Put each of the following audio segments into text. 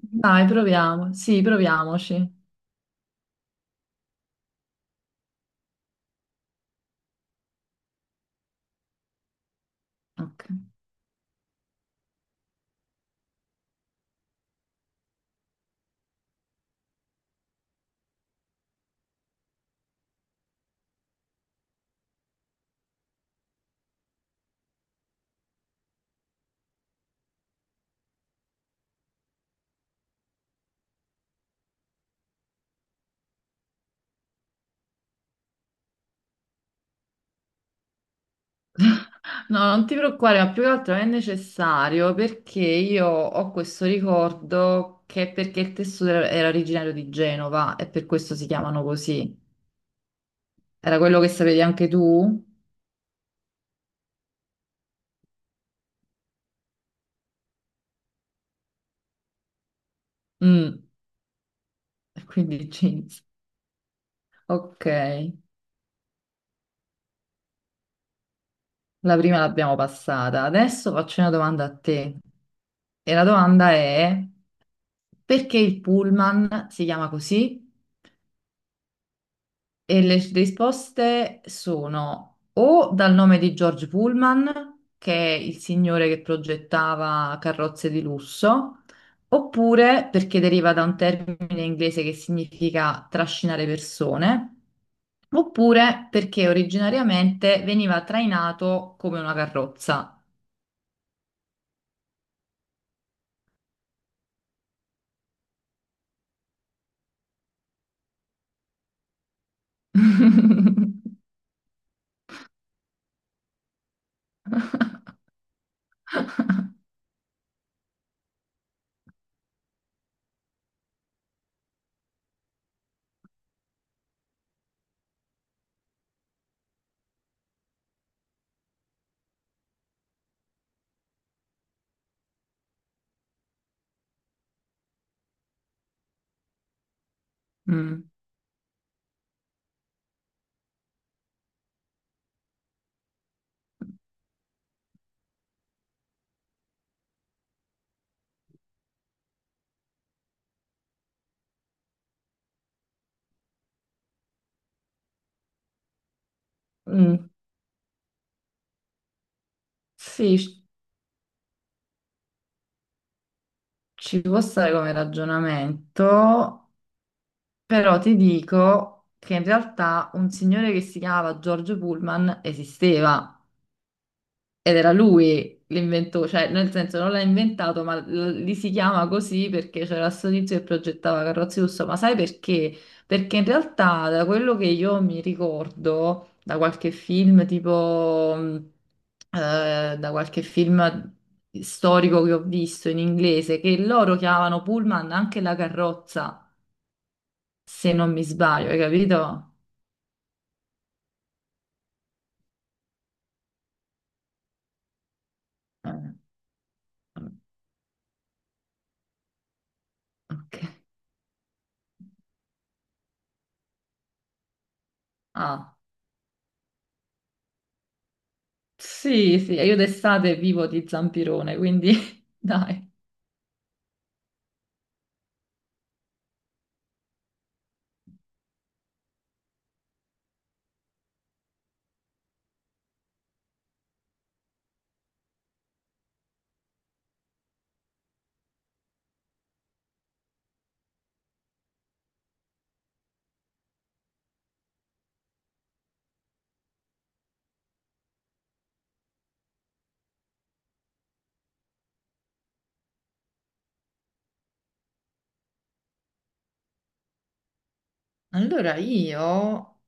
Dai, proviamo. Sì, proviamoci. Ok. No, non ti preoccupare, ma più che altro è necessario perché io ho questo ricordo che è perché il tessuto era originario di Genova e per questo si chiamano così. Era quello che sapevi anche tu? Mm, e quindi jeans. Ok, la prima l'abbiamo passata. Adesso faccio una domanda a te. E la domanda è perché il pullman si chiama così? E le risposte sono o dal nome di George Pullman, che è il signore che progettava carrozze di lusso, oppure perché deriva da un termine inglese che significa trascinare persone, oppure perché originariamente veniva trainato come una carrozza. Mm. Mm, sì, ci può stare come ragionamento. Però ti dico che in realtà un signore che si chiamava George Pullman esisteva ed era lui l'inventore, cioè nel senso non l'ha inventato, ma li si chiama così perché c'era sto tizio che progettava carrozze lusso. Ma sai perché? Perché in realtà da quello che io mi ricordo, da qualche film tipo, da qualche film storico che ho visto in inglese, che loro chiamavano Pullman anche la carrozza, se non mi sbaglio, hai capito? Eh, ok. Ah, sì, sì, io d'estate vivo di zampirone, quindi dai. Allora io,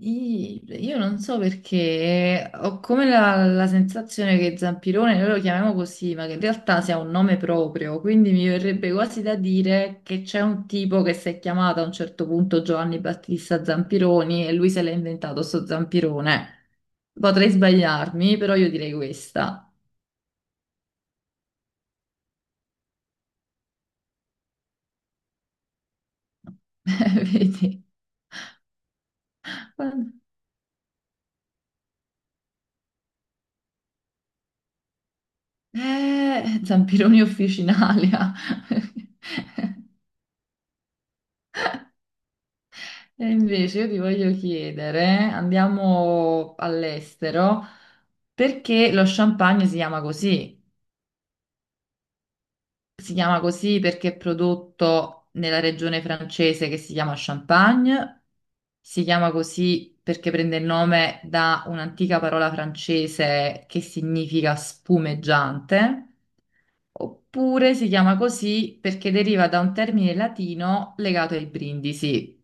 i- io non so perché ho come la sensazione che zampirone noi lo chiamiamo così, ma che in realtà sia un nome proprio, quindi mi verrebbe quasi da dire che c'è un tipo che si è chiamato a un certo punto Giovanni Battista Zampironi e lui se l'è inventato sto zampirone. Potrei sbagliarmi, però io direi questa. Vedi? Eh, Zampironi officinalia. E invece io ti voglio chiedere, andiamo all'estero, perché lo champagne si chiama così? Si chiama così perché è prodotto nella regione francese che si chiama Champagne, si chiama così perché prende il nome da un'antica parola francese che significa spumeggiante. Oppure si chiama così perché deriva da un termine latino legato ai brindisi.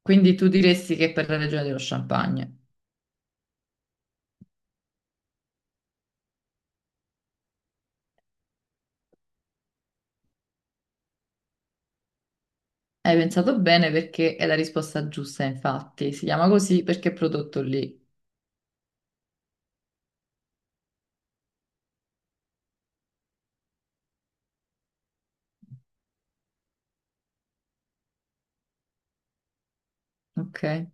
Quindi tu diresti che è per la regione dello Champagne. Hai pensato bene perché è la risposta giusta, infatti. Si chiama così perché è prodotto lì. Ok?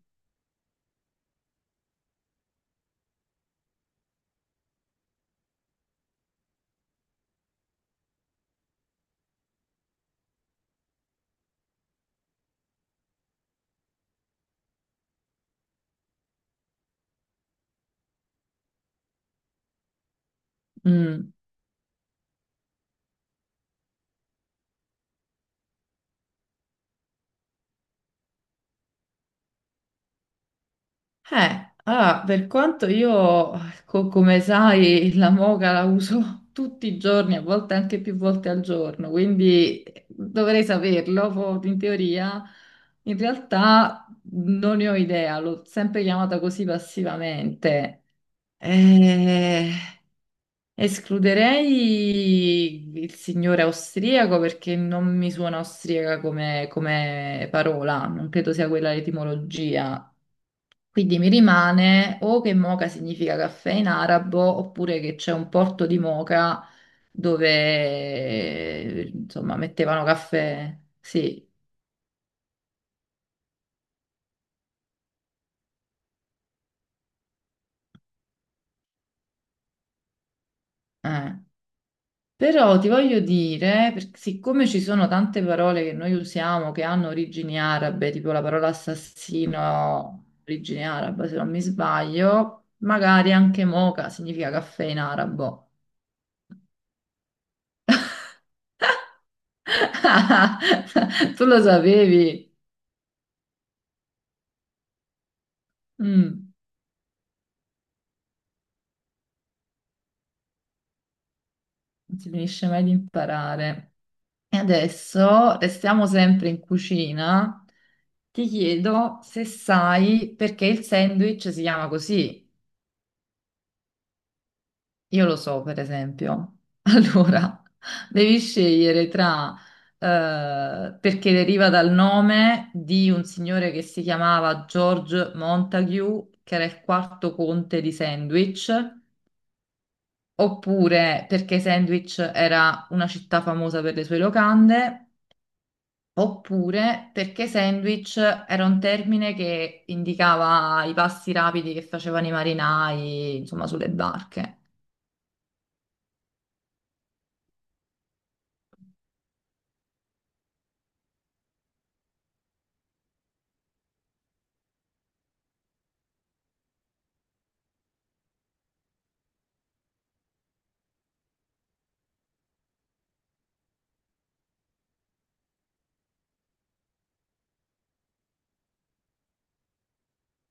Mm. Allora, per quanto io, come sai, la moca la uso tutti i giorni, a volte anche più volte al giorno, quindi dovrei saperlo, in teoria. In realtà non ne ho idea, l'ho sempre chiamata così passivamente. Eh, Escluderei il signore austriaco perché non mi suona austriaca come, come parola, non credo sia quella l'etimologia. Quindi mi rimane o che Moca significa caffè in arabo, oppure che c'è un porto di Moca dove insomma mettevano caffè. Sì, eh. Però ti voglio dire, siccome ci sono tante parole che noi usiamo che hanno origini arabe, tipo la parola assassino, origine araba, se non mi sbaglio, magari anche Moca significa caffè in arabo. Tu lo sapevi? Mm. Non si finisce mai di imparare. E adesso restiamo sempre in cucina. Ti chiedo se sai perché il sandwich si chiama così. Io lo so, per esempio. Allora, devi scegliere tra perché deriva dal nome di un signore che si chiamava George Montague, che era il quarto conte di Sandwich, oppure perché Sandwich era una città famosa per le sue locande. Oppure perché sandwich era un termine che indicava i passi rapidi che facevano i marinai, insomma, sulle barche.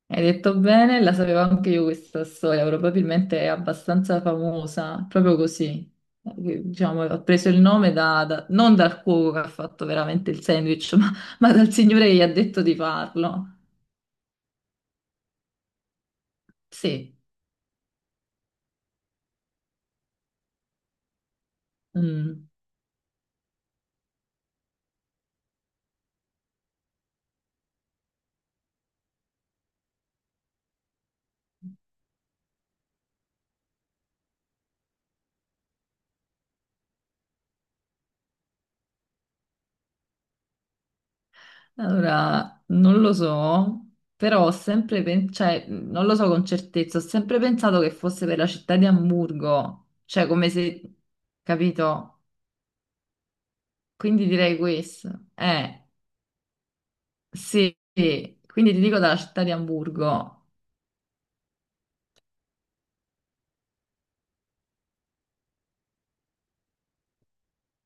Hai detto bene, la sapevo anche io questa storia, probabilmente è abbastanza famosa, proprio così. Diciamo, ho preso il nome non dal cuoco che ha fatto veramente il sandwich, ma dal signore che gli ha detto di farlo. Sì. Mm. Allora, non lo so, però ho sempre cioè, non lo so con certezza, ho sempre pensato che fosse per la città di Amburgo, cioè come se, capito? Quindi direi questo. Sì, sì. Quindi ti dico dalla città di Amburgo.